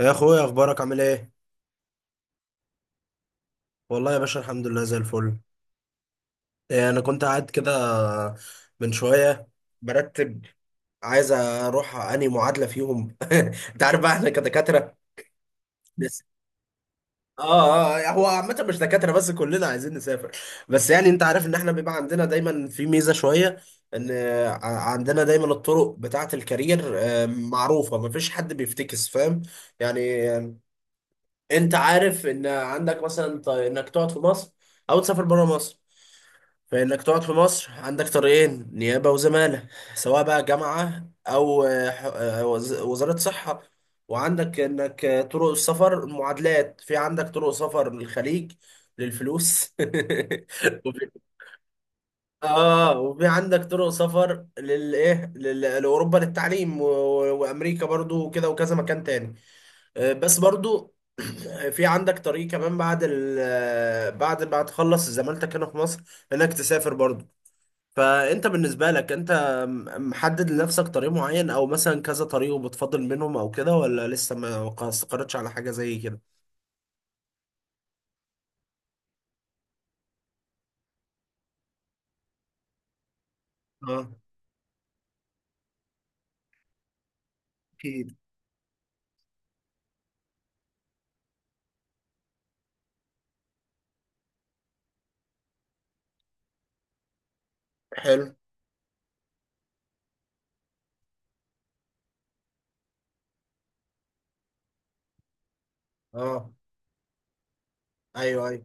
يا اخويا اخبارك عامل ايه؟ والله يا باشا الحمد لله زي الفل. إيه، انا كنت قاعد كده من شويه برتب، عايز اروح انهي معادله فيهم. انت عارف بقى احنا كدكاتره. بس اه هو عامه مش دكاتره بس، كلنا عايزين نسافر. بس يعني انت عارف ان احنا بيبقى عندنا دايما في ميزه شويه، ان ع- عندنا دايما الطرق بتاعه الكارير، معروفه، مفيش حد بيفتكس، فاهم يعني. انت عارف ان عندك مثلا انك تقعد في مصر او تسافر بره مصر. فانك تقعد في مصر عندك طريقين، نيابه وزماله، سواء بقى جامعه او وزاره صحه. وعندك انك طرق السفر، معادلات، في عندك طرق سفر للخليج للفلوس وفي. اه وفي عندك طرق سفر للايه، لاوروبا للتعليم وامريكا برضو وكده وكذا مكان تاني. بس برضو في عندك طريق كمان بعد ال آه، بعد ما تخلص زمالتك هنا في مصر انك تسافر برضو. فانت بالنسبة لك انت محدد لنفسك طريق معين او مثلا كذا طريق وبتفضل منهم او كده، ولا لسه ما استقرتش على حاجة زي كده؟ اه اكيد. حلو. اه. ايوه ايوه.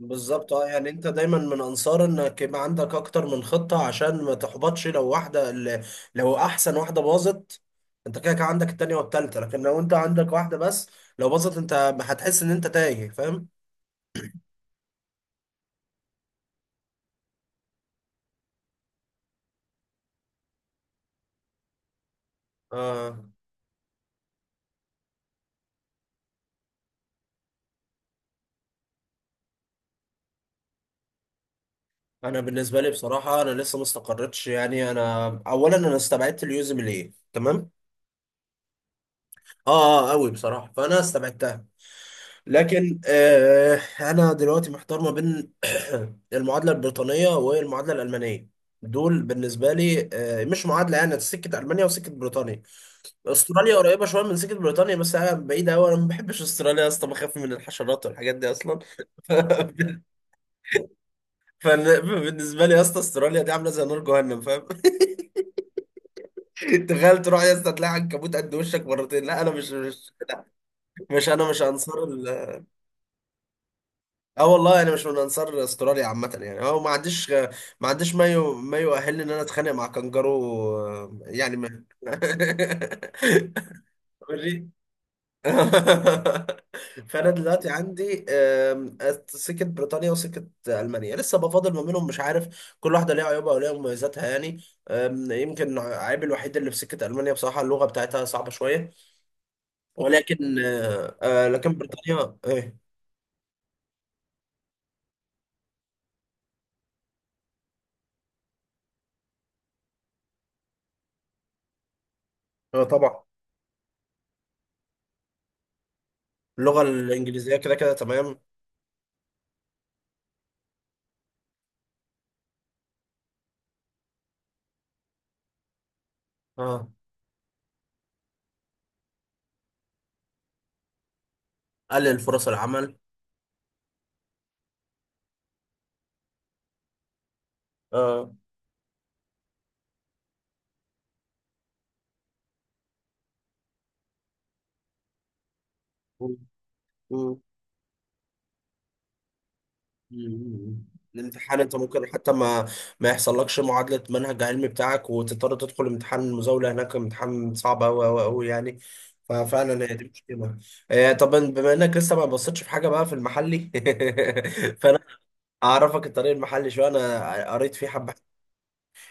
بالظبط. اه يعني انت دايما من انصار انك يبقى عندك اكتر من خطة عشان ما تحبطش لو واحدة لو احسن واحدة باظت، انت كده كده عندك التانية والتالتة. لكن لو انت عندك واحدة بس، لو باظت انت هتحس ان انت تايه، فاهم. آه انا بالنسبة لي بصراحة انا لسه ما استقرتش يعني. انا اولا انا استبعدت اليوزمل، ايه تمام، اه اه قوي بصراحة، فانا استبعدتها. لكن آه انا دلوقتي محتار ما بين المعادله البريطانيه والمعادله الالمانيه. دول بالنسبه لي آه مش معادله يعني، سكه المانيا وسكه بريطانيا. استراليا قريبه شويه من سكه بريطانيا بس انا بعيده قوي، انا ما بحبش استراليا يا اسطى، بخاف من الحشرات والحاجات دي اصلا. فبالنسبه لي يا اسطى استراليا دي عامله زي نار جهنم، فاهم. تخيل تروح يا اسطى تلاقي عنكبوت قد وشك مرتين، لا انا مش انا مش انصار. اه والله انا مش من انصار استراليا عامه يعني، هو ما عنديش ما يؤهلني ان انا اتخانق مع كانجارو، يعني ما وري- فانا دلوقتي عندي سكه بريطانيا وسكه المانيا لسه بفاضل ما بينهم، مش عارف، كل واحده ليها عيوبها وليها مميزاتها يعني. يمكن عيب الوحيد اللي في سكه المانيا بصراحه اللغه بتاعتها صعبه شويه. ولكن لكن بريطانيا ايه، طبعا اللغه الانجليزيه كده كده تمام. اه قلل فرص العمل. اه. مم. مم. مم. الامتحان انت ممكن حتى ما يحصلكش معادلة منهج علمي بتاعك وتضطر تدخل امتحان المزاولة هناك، امتحان صعب أوي أوي أوي يعني، ففعلا هي دي مشكلة. طب بما انك لسه ما بصيتش في حاجة بقى في المحلي، فانا اعرفك الطريق المحلي شوية، انا قريت فيه حبة.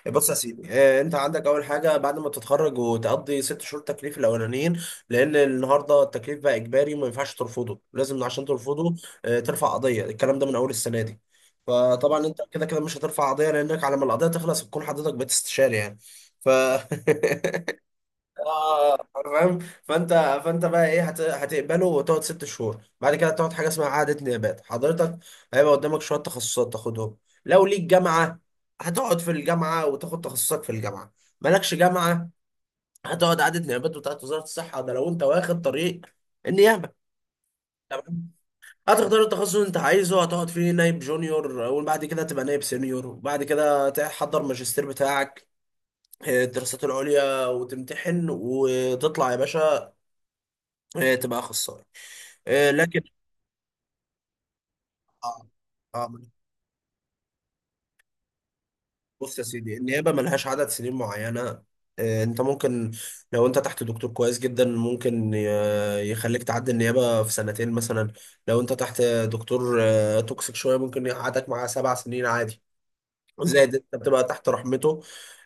بص يا سيدي، انت عندك اول حاجه بعد ما تتخرج وتقضي 6 شهور تكليف الاولانيين، لان النهارده التكليف بقى اجباري وما ينفعش ترفضه. لازم عشان ترفضه ترفع قضيه، الكلام ده من اول السنه دي. فطبعا انت كده كده مش هترفع قضيه لانك على ما القضيه تخلص هتكون حضرتك بتستشاري يعني. ف اه فاهم. فانت فانت بقى ايه، هتقبله وتقعد 6 شهور، بعد كده تقعد حاجه اسمها اعاده نيابات. حضرتك هيبقى قدامك شويه تخصصات تاخدهم. لو ليك جامعه، هتقعد في الجامعه وتاخد تخصصك في الجامعه. مالكش جامعه، هتقعد اعاده نيابات بتاعت وزاره الصحه، ده لو انت واخد طريق النيابه. تمام. هتختار التخصص اللي انت عايزه هتقعد فيه نايب جونيور، وبعد كده تبقى نايب سينيور، وبعد كده تحضر ماجستير بتاعك، الدراسات العليا، وتمتحن وتطلع يا باشا، تبقى اخصائي. لكن اه آه، بص يا سيدي، النيابه ملهاش عدد سنين معينه. انت ممكن، لو انت تحت دكتور كويس جدا ممكن يخليك تعدي النيابه في سنتين مثلا. لو انت تحت دكتور توكسيك شويه، ممكن يقعدك معاه 7 سنين عادي. زائد انت بتبقى تحت رحمته،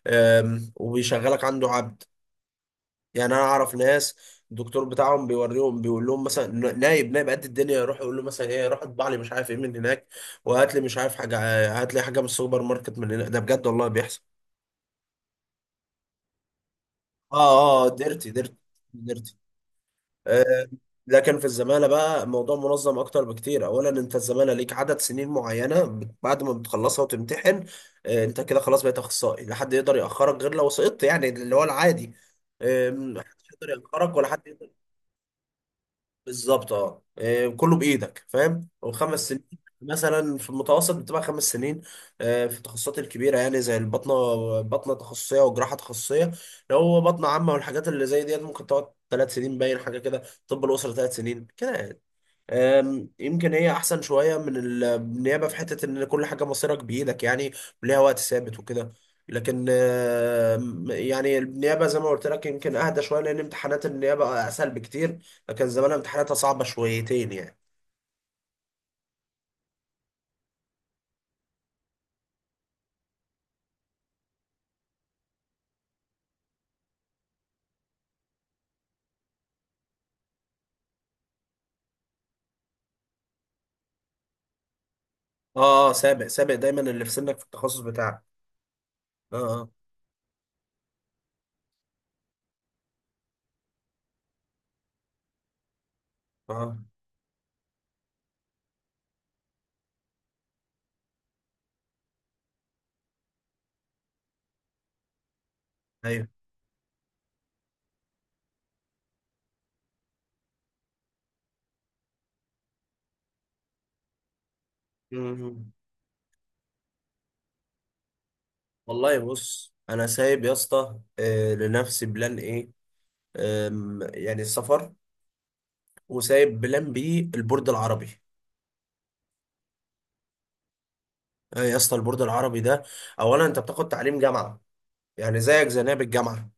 وبيشغلك عنده عبد يعني. انا اعرف ناس الدكتور بتاعهم بيوريهم، بيقول لهم مثلا نايب نايب قد الدنيا، يروح يقول له مثلا ايه، روح اطبع لي مش عارف ايه من هناك، وهات لي مش عارف حاجه، هات لي حاجه من السوبر ماركت من هناك. ده بجد والله بيحصل. اه اه. ديرتي. آه لكن في الزمالة بقى الموضوع منظم اكتر بكتير. اولا انت الزمالة ليك عدد سنين معينة، بعد ما بتخلصها وتمتحن آه انت كده خلاص بقيت اخصائي، لا حد يقدر ياخرك غير لو سقطت، يعني اللي هو العادي. محدش يقدر يأخرك ولا حد. بالظبط. اه كله بايدك، فاهم. وخمس سنين مثلا في المتوسط، بتبقى 5 سنين في التخصصات الكبيره يعني زي البطنه، بطنه تخصصيه وجراحه تخصصيه. لو هو بطنه عامه والحاجات اللي زي ديت ممكن تقعد 3 سنين، باين حاجه كده. طب الاسره 3 سنين كده. يمكن هي احسن شويه من النيابه في حته ان كل حاجه مصيرك بايدك يعني، وليها وقت ثابت وكده. لكن يعني النيابه زي ما قلت لك يمكن اهدى شويه لان امتحانات النيابه اسهل بكتير، لكن زمان امتحاناتها صعبه شويتين يعني. اه اه. سابق دايما اللي في سنك في التخصص بتاعك. اه اه اه. ايوه. مم. والله بص انا سايب يا اسطى لنفسي بلان ايه، يعني السفر، وسايب بلان بي البورد العربي. إيه يا اسطى البورد العربي ده، اولا انت بتاخد تعليم جامعه، يعني زيك زي نائب الجامعه.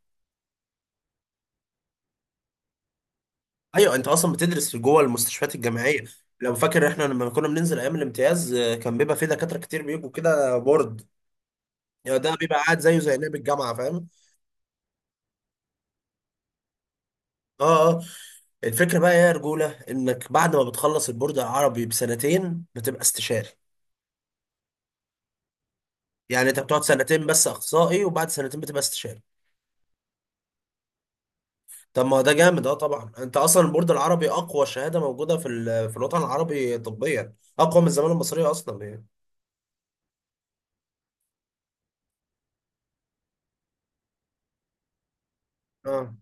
ايوه انت اصلا بتدرس في جوه المستشفيات الجامعيه. لو فاكر احنا لما كنا بننزل ايام الامتياز، كان بيبقى في دكاتره كتير بيجوا كده بورد، يعني ده بيبقى قاعد زيه زي نائب الجامعه فاهم. اه اه. الفكره بقى إيه يا رجوله، انك بعد ما بتخلص البورد العربي بسنتين بتبقى استشاري. يعني انت بتقعد سنتين بس اخصائي، وبعد سنتين بتبقى استشاري. طب ما ده جامد. اه طبعا انت اصلا البورد العربي اقوى شهاده موجوده في في الوطن العربي طبيا، اقوى من الزماله المصريه اصلا يعني. اه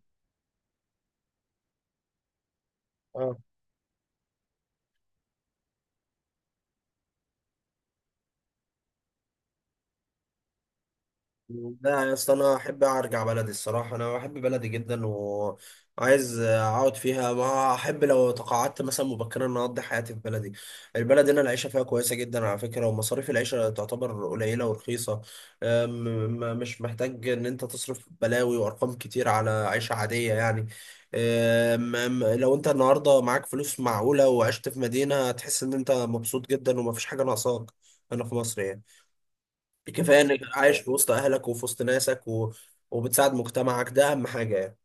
اه. لا يا اسطى انا احب ارجع بلدي الصراحه، انا بحب بلدي جدا وعايز اقعد فيها، ما احب لو تقاعدت مثلا مبكرا ان اقضي حياتي في بلدي. البلد هنا العيشه فيها كويسه جدا على فكره، ومصاريف العيشه تعتبر قليله ورخيصه، مش محتاج ان انت تصرف بلاوي وارقام كتير على عيشه عاديه يعني. لو انت النهارده معاك فلوس معقوله وعشت في مدينه هتحس ان انت مبسوط جدا ومفيش حاجه ناقصاك، هنا في مصر يعني. كفايه انك عايش في وسط اهلك وفي وسط ناسك وبتساعد مجتمعك، ده اهم حاجه يعني.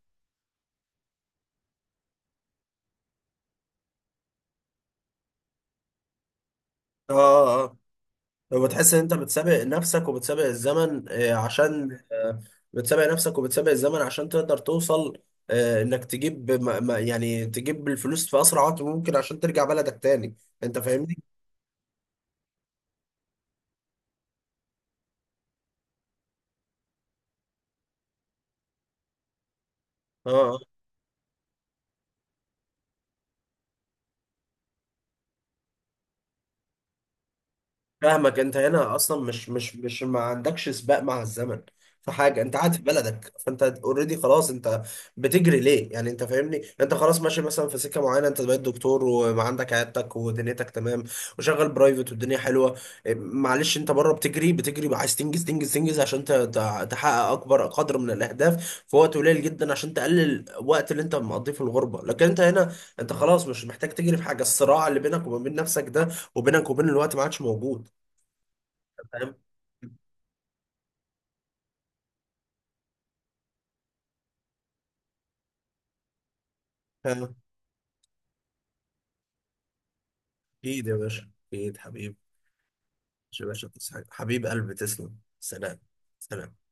اه اه. وبتحس ان انت بتسابق نفسك وبتسابق الزمن عشان بتسابق نفسك وبتسابق الزمن عشان تقدر توصل، انك تجيب يعني تجيب الفلوس في اسرع وقت ممكن عشان ترجع بلدك تاني. انت فاهمني؟ اه فاهمك، انت هنا اصلا مش ما عندكش سباق مع الزمن في حاجه، انت قاعد في بلدك، فانت اوريدي خلاص، انت بتجري ليه يعني؟ انت فاهمني، انت خلاص ماشي مثلا في سكه معينه، انت بقيت دكتور وعندك عيادتك ودنيتك تمام، وشغال برايفت، والدنيا حلوه. إيه، معلش انت بره بتجري بتجري، عايز تنجز تنجز تنجز، عشان تحقق اكبر قدر من الاهداف في وقت قليل جدا عشان تقلل الوقت اللي انت مقضيه في الغربه. لكن انت هنا انت خلاص مش محتاج تجري في حاجه، الصراع اللي بينك وما بين نفسك ده، وبينك وبين الوقت ما عادش موجود. فاهم. فاهم. اكيد يا باشا، اكيد حبيب. يا باشا تسعد. حبيب قلبي تسلم. سلام. سلام.